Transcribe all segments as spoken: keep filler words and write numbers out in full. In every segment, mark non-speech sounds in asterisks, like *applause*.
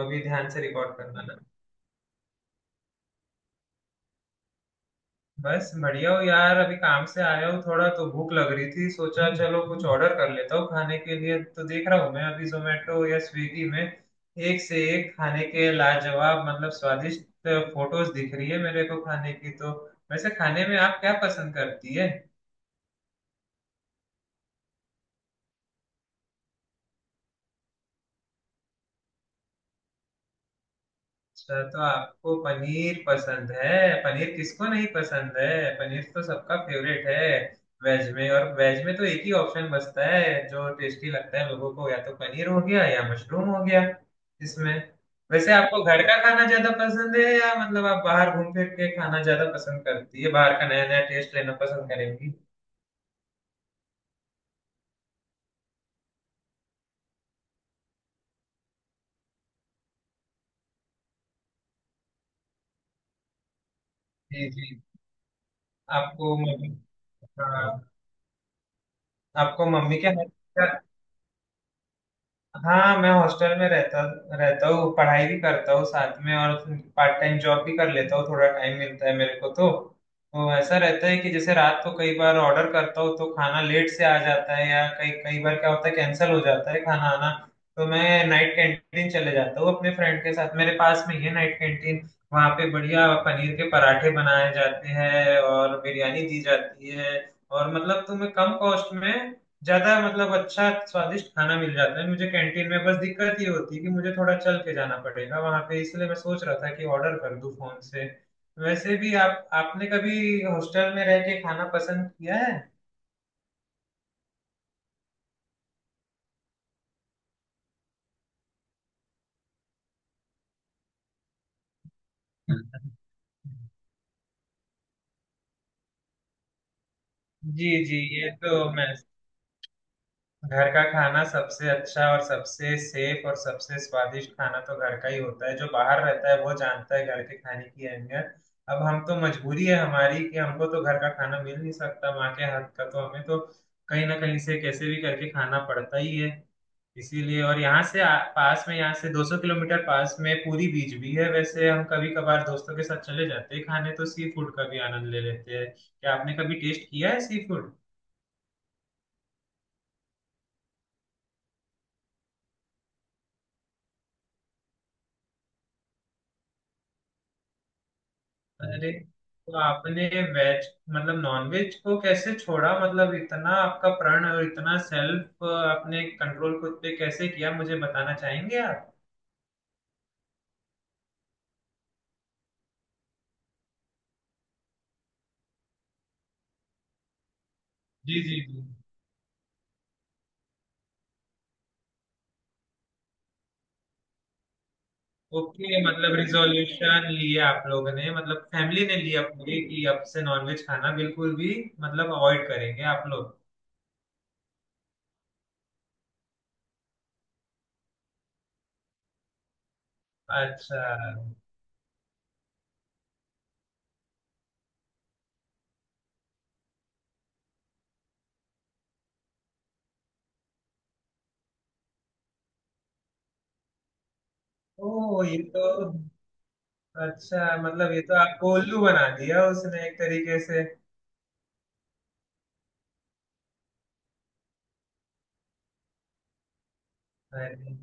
अभी ध्यान से रिकॉर्ड करना ना। बस बढ़िया हो यार, अभी काम से आया हूँ, थोड़ा तो भूख लग रही थी, सोचा चलो कुछ ऑर्डर कर लेता हूँ खाने के लिए। तो देख रहा हूँ मैं अभी जोमेटो या स्विगी में एक से एक खाने के लाजवाब, मतलब स्वादिष्ट फोटोज दिख रही है मेरे को खाने की। तो वैसे खाने में आप क्या पसंद करती है? अच्छा तो आपको पनीर पसंद है। पनीर किसको नहीं पसंद है। पनीर तो सबका फेवरेट है। वेज में, और वेज में तो एक ही ऑप्शन बचता है जो टेस्टी लगता है लोगों को, या तो पनीर हो गया या मशरूम हो गया इसमें। वैसे आपको घर का खाना ज्यादा पसंद है, या मतलब आप बाहर घूम फिर के खाना ज्यादा पसंद करती है, बाहर का नया नया टेस्ट लेना पसंद करेंगी? जी जी। आपको मम्मी, हाँ, आपको मम्मी के हाथ का। हाँ मैं हॉस्टल में रहता रहता हूँ, पढ़ाई भी करता हूँ साथ में, और पार्ट टाइम जॉब भी कर लेता हूँ, थोड़ा टाइम मिलता है मेरे को तो। तो ऐसा रहता है कि जैसे रात को कई बार ऑर्डर करता हूँ तो खाना लेट से आ जाता है, या कई कई बार क्या होता है कैंसिल हो जाता है खाना आना। तो मैं नाइट कैंटीन चले जाता हूँ अपने फ्रेंड के साथ, मेरे पास में ही है नाइट कैंटीन। वहाँ पे बढ़िया पनीर के पराठे बनाए जाते हैं और बिरयानी दी जाती है, और मतलब तुम्हें कम कॉस्ट में ज्यादा मतलब अच्छा स्वादिष्ट खाना मिल जाता है मुझे कैंटीन में। बस दिक्कत ये होती है कि मुझे थोड़ा चल के जाना पड़ेगा वहां पे, इसलिए मैं सोच रहा था कि ऑर्डर कर दूं फोन से। वैसे भी आप आपने कभी हॉस्टल में रह के खाना पसंद किया है? *laughs* हम्म। जी जी, ये तो मैं, घर का खाना सबसे अच्छा, और सबसे सेफ और सबसे स्वादिष्ट खाना तो घर का ही होता है, जो बाहर रहता है वो जानता है घर के खाने की अहमियत। अब हम तो मजबूरी है हमारी कि हमको तो घर का खाना मिल नहीं सकता, माँ के हाथ का तो हमें तो कहीं ना कहीं से कैसे भी करके खाना पड़ता ही है इसीलिए। और यहाँ से आ, पास में, यहाँ से दो सौ किलोमीटर पास में पूरी बीच भी है, वैसे हम कभी कभार दोस्तों के साथ चले जाते हैं खाने, तो सी फूड का भी आनंद ले लेते हैं। क्या आपने कभी टेस्ट किया है सी फूड? अरे, तो आपने वेज, मतलब नॉनवेज को कैसे छोड़ा, मतलब इतना आपका प्रण, और इतना सेल्फ आपने कंट्रोल खुद पे कैसे किया, मुझे बताना चाहेंगे आप? जी जी जी। ओके मतलब रिजोल्यूशन लिया आप लोगों ने, मतलब फैमिली ने लिया पूरी कि अब से नॉनवेज खाना बिल्कुल भी, मतलब अवॉइड करेंगे आप लोग। अच्छा। ओ ये तो, अच्छा मतलब ये तो आपको उल्लू बना दिया उसने एक तरीके से। अरे,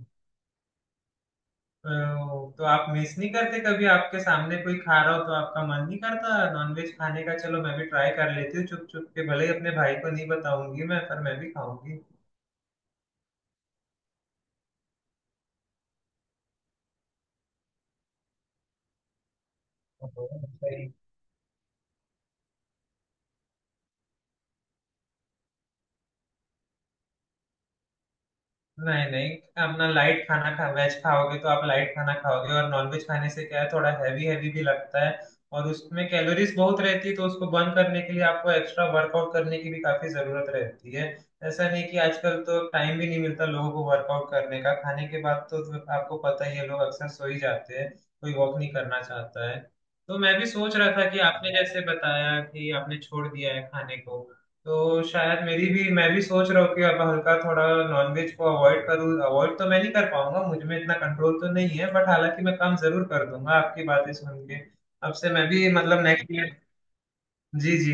तो, तो आप मिस नहीं करते कभी, आपके सामने कोई खा रहा हो तो आपका मन नहीं करता नॉनवेज खाने का, चलो मैं भी ट्राई कर लेती हूँ चुप चुप के, भले ही अपने भाई को नहीं बताऊंगी मैं, पर मैं भी खाऊंगी? ओहो, सही। नहीं नहीं, अपना लाइट खाना खा, वेज खाओगे तो आप लाइट खाना खाओगे, और नॉनवेज खाने से क्या है थोड़ा हैवी हैवी भी लगता है, और उसमें कैलोरीज बहुत रहती है तो उसको बर्न करने के लिए आपको एक्स्ट्रा वर्कआउट करने की भी काफी जरूरत रहती है। ऐसा नहीं कि आजकल तो टाइम भी नहीं मिलता लोगों को वर्कआउट करने का खाने के बाद, तो, तो आपको पता ही है लोग अक्सर सो ही जाते हैं, कोई वॉक नहीं करना चाहता है। तो मैं भी सोच रहा था कि आपने जैसे बताया कि आपने छोड़ दिया है खाने को, तो शायद मेरी भी मैं भी सोच रहा हूँ कि अब हल्का थोड़ा नॉनवेज को अवॉइड करूँ। अवॉइड तो मैं नहीं कर पाऊंगा, मुझ में इतना कंट्रोल तो नहीं है, बट हालांकि मैं कम जरूर कर दूंगा आपकी बातें सुन के, अब से मैं भी, मतलब नेक्स्ट ईयर। जी जी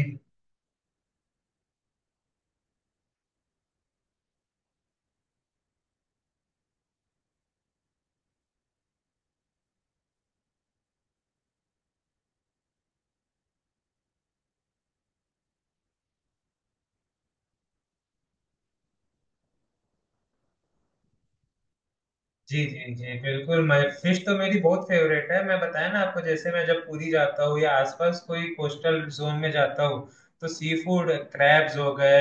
जी। जी जी बिल्कुल, मैं फिश तो मेरी बहुत फेवरेट है, मैं बताया ना आपको, जैसे मैं जब पुरी जाता हूँ या आसपास कोई कोस्टल जोन में जाता हूँ, तो सी फूड, क्रैब्स हो गए,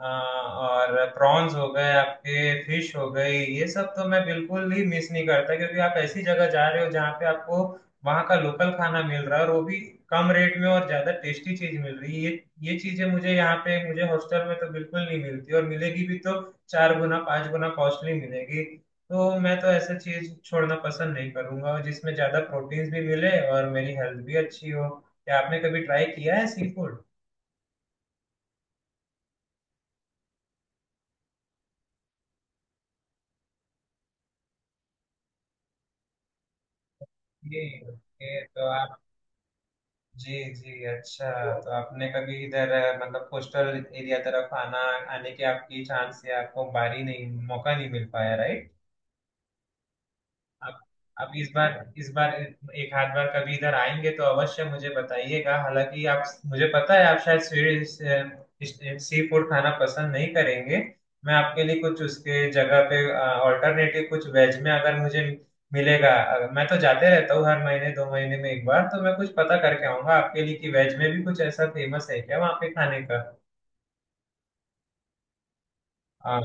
अ, और प्रॉन्स हो गए आपके, फिश हो गई, ये सब तो मैं बिल्कुल ही मिस नहीं करता, क्योंकि आप ऐसी जगह जा रहे हो जहाँ पे आपको वहाँ का लोकल खाना मिल रहा है, और वो भी कम रेट में, और ज्यादा टेस्टी चीज मिल रही है। ये ये चीजें मुझे यहाँ पे, मुझे हॉस्टल में तो बिल्कुल नहीं मिलती, और मिलेगी भी तो चार गुना पांच गुना कॉस्टली मिलेगी। तो मैं तो ऐसे चीज छोड़ना पसंद नहीं करूंगा, और जिसमें ज्यादा प्रोटीन्स भी मिले और मेरी हेल्थ भी अच्छी हो। क्या आपने कभी ट्राई किया है सी फूड? जी, ओके तो आप, जी जी अच्छा, तो आपने कभी इधर अ, मतलब कोस्टल एरिया तरफ आना, आने के आपकी चांस या आपको बारी नहीं, मौका नहीं मिल पाया, राइट? अब, अब इस बार इस बार, एक आध बार कभी इधर आएंगे तो अवश्य मुझे बताइएगा, हालांकि आप, मुझे पता है आप शायद स्वीट सी फूड खाना पसंद नहीं करेंगे, मैं आपके लिए कुछ उसके जगह पे ऑल्टरनेटिव कुछ वेज में अगर मुझे मिलेगा, अ, मैं तो जाते रहता हूँ हर महीने दो महीने में एक बार, तो मैं कुछ पता करके आऊंगा आपके लिए कि वेज में भी कुछ ऐसा फेमस है क्या वहाँ पे खाने का।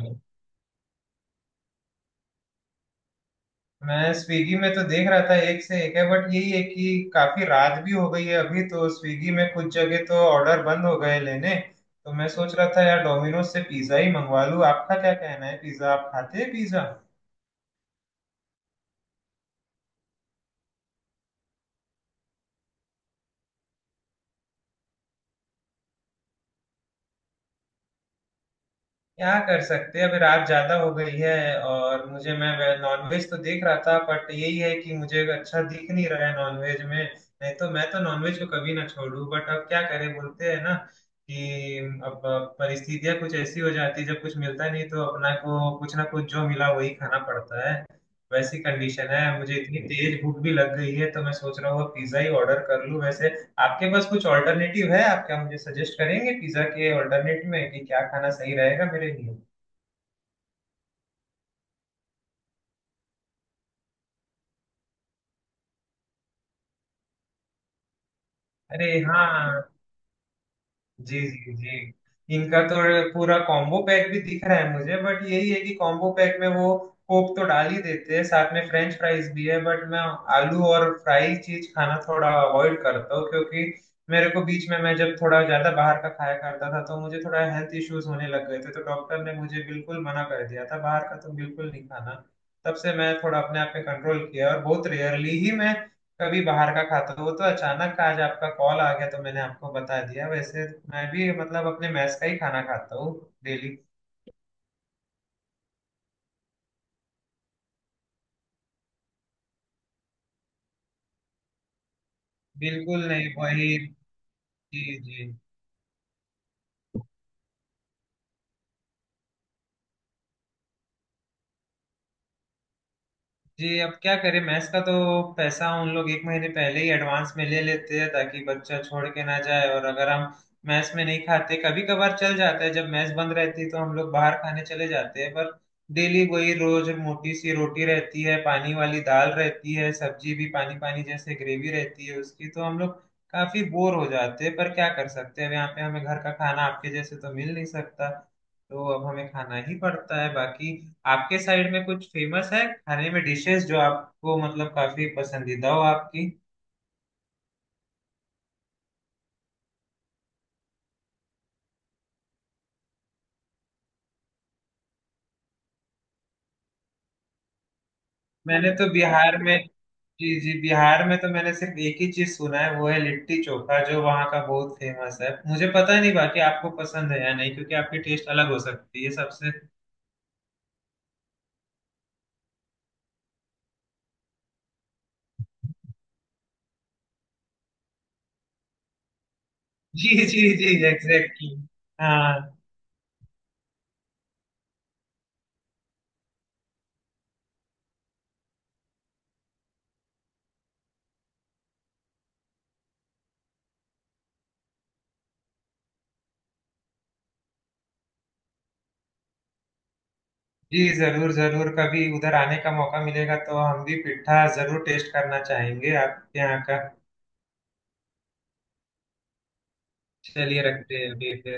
मैं स्विगी में तो देख रहा था एक से एक है, बट यही है कि काफी रात भी हो गई है अभी, तो स्विगी में कुछ जगह तो ऑर्डर बंद हो गए लेने। तो मैं सोच रहा था यार डोमिनोज से पिज्जा ही मंगवा लूं, आपका क्या कहना है, पिज्जा आप खाते हैं पिज्जा? क्या कर सकते हैं, अभी रात ज्यादा हो गई है, और मुझे, मैं नॉनवेज तो देख रहा था, बट यही है कि मुझे अच्छा दिख नहीं रहा है नॉनवेज में। नहीं तो मैं तो नॉनवेज को कभी ना छोड़ू, बट अब क्या करें, बोलते हैं ना कि अब परिस्थितियां कुछ ऐसी हो जाती है, जब कुछ मिलता नहीं तो अपना को कुछ ना कुछ जो मिला वही खाना पड़ता है। वैसी कंडीशन है, मुझे इतनी तेज भूख भी लग गई है, तो मैं सोच रहा हूँ पिज्जा ही ऑर्डर कर लूँ। वैसे आपके पास कुछ ऑल्टरनेटिव है, आप क्या मुझे सजेस्ट करेंगे पिज्जा के ऑल्टरनेटिव में कि क्या खाना सही रहेगा मेरे लिए? अरे हाँ। जी जी जी, इनका तो पूरा कॉम्बो पैक भी दिख रहा है मुझे, बट यही है कि कॉम्बो पैक में वो कोक तो डाल ही देते हैं साथ में, फ्रेंच फ्राइज भी है, बट मैं आलू और फ्राई चीज खाना थोड़ा अवॉइड करता हूँ, क्योंकि मेरे को बीच में, मैं जब थोड़ा ज्यादा बाहर का खाया करता था तो मुझे थोड़ा हेल्थ इश्यूज होने लग गए थे, तो डॉक्टर ने मुझे बिल्कुल मना कर दिया था बाहर का तो बिल्कुल नहीं खाना। तब से मैं थोड़ा अपने आप पे कंट्रोल किया, और बहुत रेयरली ही मैं कभी बाहर का खाता हूँ। वो तो अचानक आज आपका कॉल आ गया तो मैंने आपको बता दिया, वैसे मैं भी, मतलब अपने मैस का ही खाना खाता हूँ डेली। बिल्कुल, नहीं वही, जी जी जी। अब क्या करें, मैथ्स का तो पैसा उन लोग एक महीने पहले ही एडवांस में ले लेते हैं, ताकि बच्चा छोड़ के ना जाए, और अगर हम मैथ्स में नहीं खाते कभी कभार चल जाता है, जब मैथ्स बंद रहती है तो हम लोग बाहर खाने चले जाते हैं, पर डेली वही रोज मोटी सी रोटी रहती है, पानी वाली दाल रहती है, सब्जी भी पानी पानी जैसे ग्रेवी रहती है उसकी, तो हम लोग काफी बोर हो जाते हैं, पर क्या कर सकते हैं, अब यहाँ पे हमें घर का खाना आपके जैसे तो मिल नहीं सकता, तो अब हमें खाना ही पड़ता है। बाकी आपके साइड में कुछ फेमस है खाने में, डिशेस जो आपको मतलब काफी पसंदीदा हो आपकी? मैंने तो बिहार में, जी जी, बिहार में तो मैंने सिर्फ एक ही चीज सुना है वो है लिट्टी चोखा, जो वहाँ का बहुत फेमस है। मुझे पता नहीं बाकी आपको पसंद है या नहीं, क्योंकि आपकी टेस्ट अलग हो सकती है सबसे। *laughs* जी जी जी, एग्जैक्टली। हाँ। जी जरूर जरूर, कभी उधर आने का मौका मिलेगा तो हम भी पिट्ठा जरूर टेस्ट करना चाहेंगे आपके यहाँ का। चलिए रखते हैं अभी फिर।